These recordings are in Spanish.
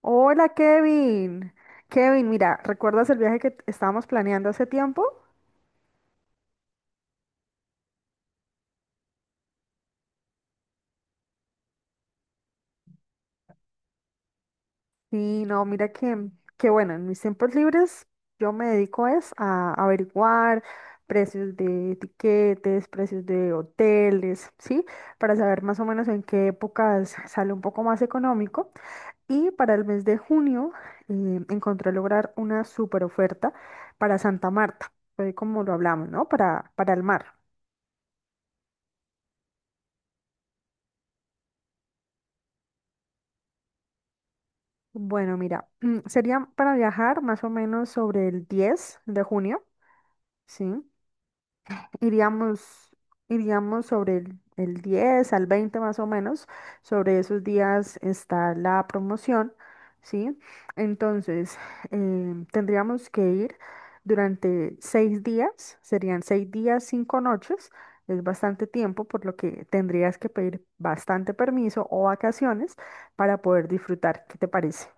Hola Kevin. Kevin, mira, ¿recuerdas el viaje que estábamos planeando hace tiempo? Sí, no, mira que bueno, en mis tiempos libres yo me dedico es a averiguar precios de tiquetes, precios de hoteles, ¿sí? Para saber más o menos en qué épocas sale un poco más económico. Y para el mes de junio encontré lograr una super oferta para Santa Marta, fue como lo hablamos, ¿no? Para el mar. Bueno, mira, sería para viajar más o menos sobre el 10 de junio, ¿sí? Iríamos, sobre el 10 al 20 más o menos. Sobre esos días está la promoción, ¿sí? Entonces, tendríamos que ir durante 6 días, serían 6 días, 5 noches. Es bastante tiempo, por lo que tendrías que pedir bastante permiso o vacaciones para poder disfrutar. ¿Qué te parece?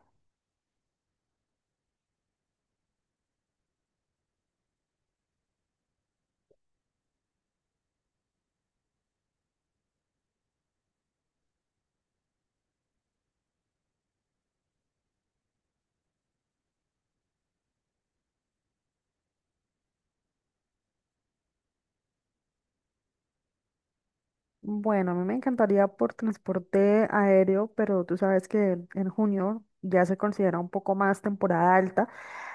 Bueno, a mí me encantaría por transporte aéreo, pero tú sabes que en junio ya se considera un poco más temporada alta.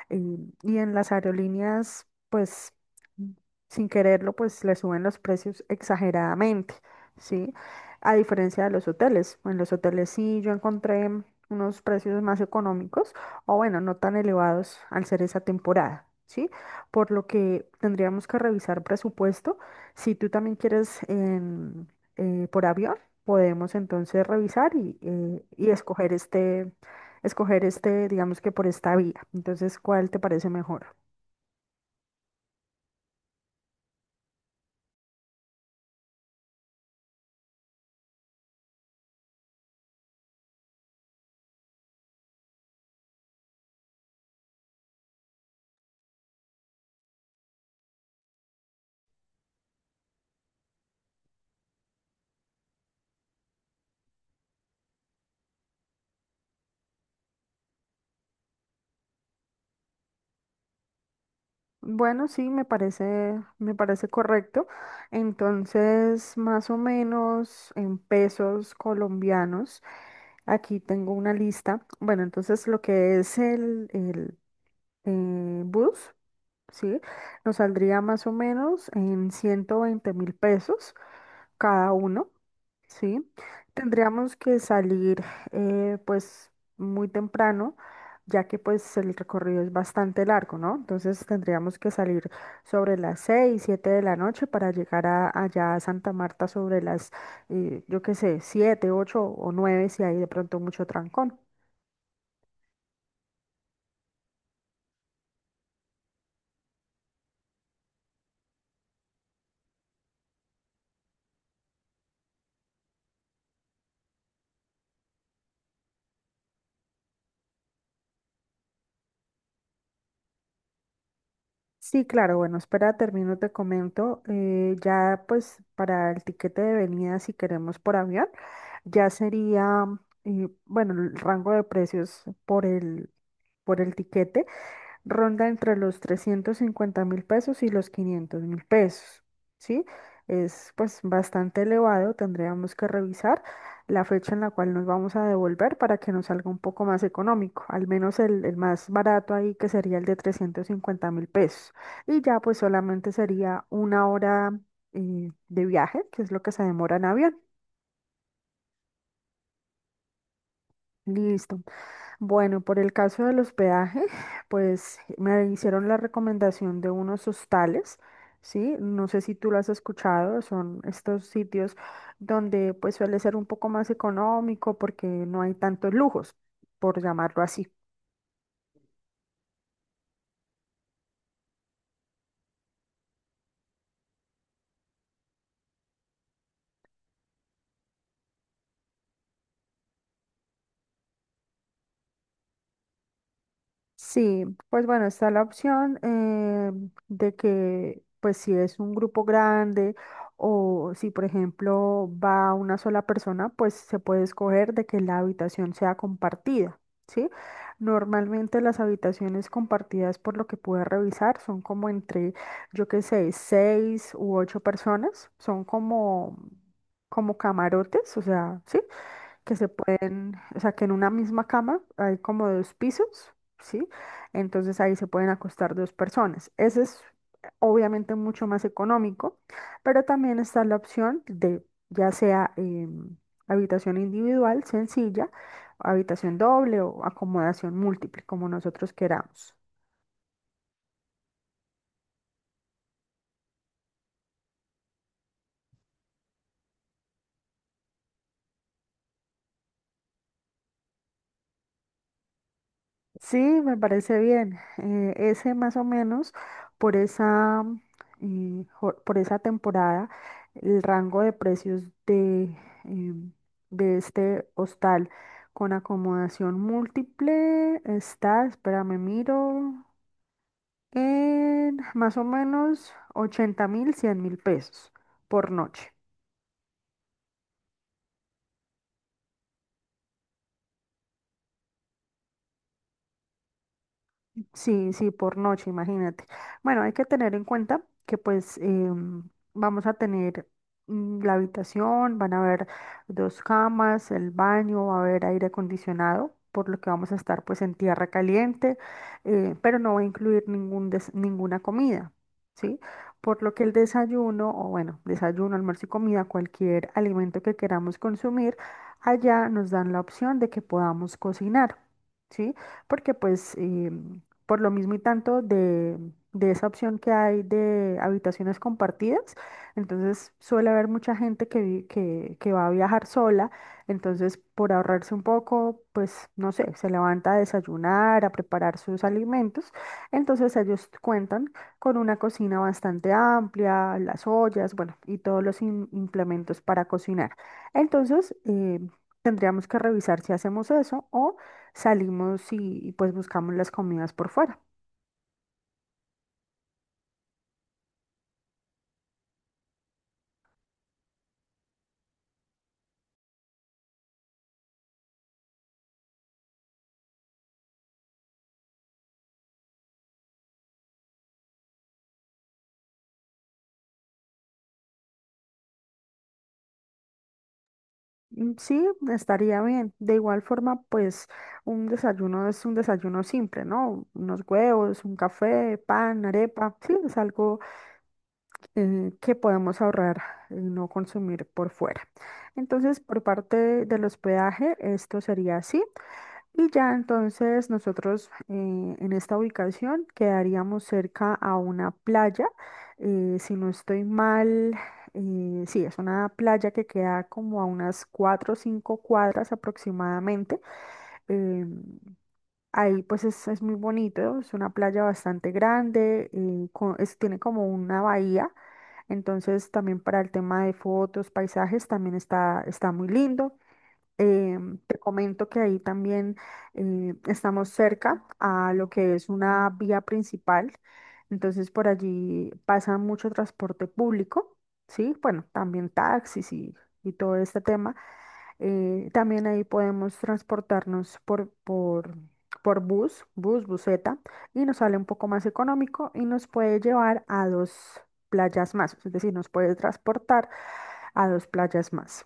Eh, y en las aerolíneas, pues, mm, sin quererlo, pues le suben los precios exageradamente, ¿sí? A diferencia de los hoteles. En los hoteles sí yo encontré unos precios más económicos, o bueno, no tan elevados al ser esa temporada, ¿sí? Por lo que tendríamos que revisar presupuesto. Si tú también quieres por avión, podemos entonces revisar y escoger este, digamos que por esta vía. Entonces, ¿cuál te parece mejor? Bueno, sí, me parece correcto. Entonces, más o menos en pesos colombianos, aquí tengo una lista. Bueno, entonces lo que es el bus, ¿sí? Nos saldría más o menos en 120.000 pesos cada uno. Sí, tendríamos que salir pues muy temprano, ya que pues el recorrido es bastante largo, ¿no? Entonces tendríamos que salir sobre las 6, 7 de la noche para llegar allá a Santa Marta sobre las, yo qué sé, 7, 8 o 9 si hay de pronto mucho trancón. Sí, claro, bueno, espera, termino, te comento, ya pues para el tiquete de venida si queremos por avión, ya sería... Y bueno, el rango de precios por por el tiquete ronda entre los 350.000 pesos y los 500.000 pesos, ¿sí? Es pues bastante elevado, tendríamos que revisar la fecha en la cual nos vamos a devolver para que nos salga un poco más económico, al menos el más barato ahí que sería el de 350.000 pesos. Y ya pues solamente sería 1 hora de viaje, que es lo que se demora en avión. Listo. Bueno, por el caso del hospedaje, pues me hicieron la recomendación de unos hostales, ¿sí? No sé si tú lo has escuchado, son estos sitios donde pues suele ser un poco más económico porque no hay tantos lujos, por llamarlo así. Sí, pues bueno, está la opción de que, pues si es un grupo grande o si, por ejemplo, va una sola persona, pues se puede escoger de que la habitación sea compartida, ¿sí? Normalmente las habitaciones compartidas, por lo que pude revisar, son como entre, yo qué sé, 6 u 8 personas, son como camarotes, o sea, ¿sí? Que se pueden, o sea, que en una misma cama hay como 2 pisos, ¿sí? Entonces ahí se pueden acostar 2 personas. Ese es obviamente mucho más económico, pero también está la opción de ya sea habitación individual, sencilla, habitación doble o acomodación múltiple, como nosotros queramos. Sí, me parece bien. Ese más o menos por esa, por esa temporada, el rango de precios em, de este hostal con acomodación múltiple está, espérame, miro, en más o menos 80.000, 100.000 pesos por noche. Sí, sí, por noche, imagínate. Bueno, hay que tener en cuenta que pues vamos a tener la habitación, van a haber 2 camas, el baño, va a haber aire acondicionado, por lo que vamos a estar pues en tierra caliente, pero no va a incluir ninguna comida, ¿sí? Por lo que el desayuno, o bueno, desayuno, almuerzo y comida, cualquier alimento que queramos consumir, allá nos dan la opción de que podamos cocinar, ¿sí? Porque pues... por lo mismo y tanto de esa opción que hay de habitaciones compartidas. Entonces suele haber mucha gente que que va a viajar sola. Entonces, por ahorrarse un poco, pues no sé, se levanta a desayunar, a preparar sus alimentos. Entonces ellos cuentan con una cocina bastante amplia, las ollas, bueno, y todos los implementos para cocinar. Entonces, tendríamos que revisar si hacemos eso o salimos pues buscamos las comidas por fuera. Mm, sí, estaría bien. De igual forma, pues un desayuno es un desayuno simple, ¿no? Unos huevos, un café, pan, arepa. Sí, es algo que podemos ahorrar y no consumir por fuera. Entonces, por parte del hospedaje, esto sería así. Y ya entonces nosotros en esta ubicación quedaríamos cerca a una playa. Si no estoy mal, sí, es una playa que queda como a unas 4 o 5 cuadras aproximadamente. eh, Ahí pues es muy bonito, es una playa bastante grande, tiene como una bahía. Entonces también para el tema de fotos, paisajes, también está, está muy lindo. Eh, te comento que ahí también estamos cerca a lo que es una vía principal, entonces por allí pasa mucho transporte público, ¿sí? Bueno, también taxis y todo este tema. También ahí podemos transportarnos por bus, buseta, y nos sale un poco más económico y nos puede llevar a 2 playas más, es decir, nos puede transportar a 2 playas más.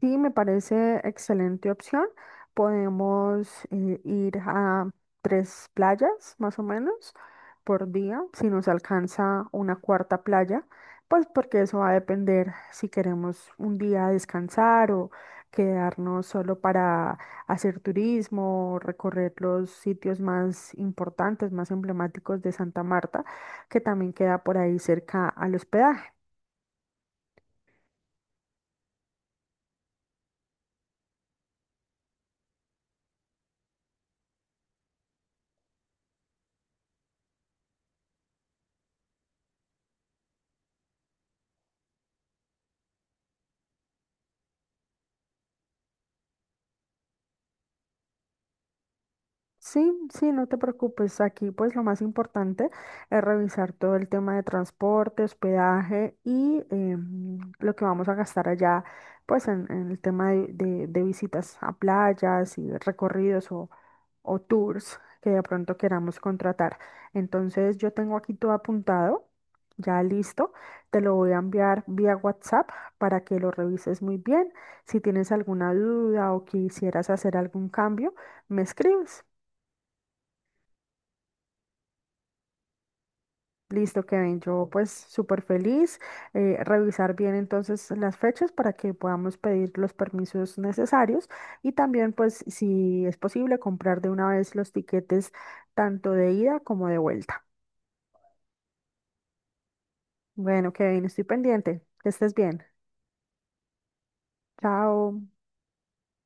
Sí, me parece excelente opción. Podemos ir a 3 playas más o menos por día, si nos alcanza una cuarta playa, pues porque eso va a depender si queremos un día descansar o quedarnos solo para hacer turismo, recorrer los sitios más importantes, más emblemáticos de Santa Marta, que también queda por ahí cerca al hospedaje. Sí, sí, no te preocupes. Aquí pues lo más importante es revisar todo el tema de transporte, hospedaje y lo que vamos a gastar allá pues en el tema de visitas a playas y recorridos o tours que de pronto queramos contratar. Entonces yo tengo aquí todo apuntado, ya listo. Te lo voy a enviar vía WhatsApp para que lo revises muy bien. Si tienes alguna duda o quisieras hacer algún cambio, me escribes. Listo, Kevin. Yo pues súper feliz. Revisar bien entonces las fechas para que podamos pedir los permisos necesarios y también pues si es posible comprar de una vez los tiquetes tanto de ida como de vuelta. Bueno, Kevin, estoy pendiente. Que estés bien. Chao.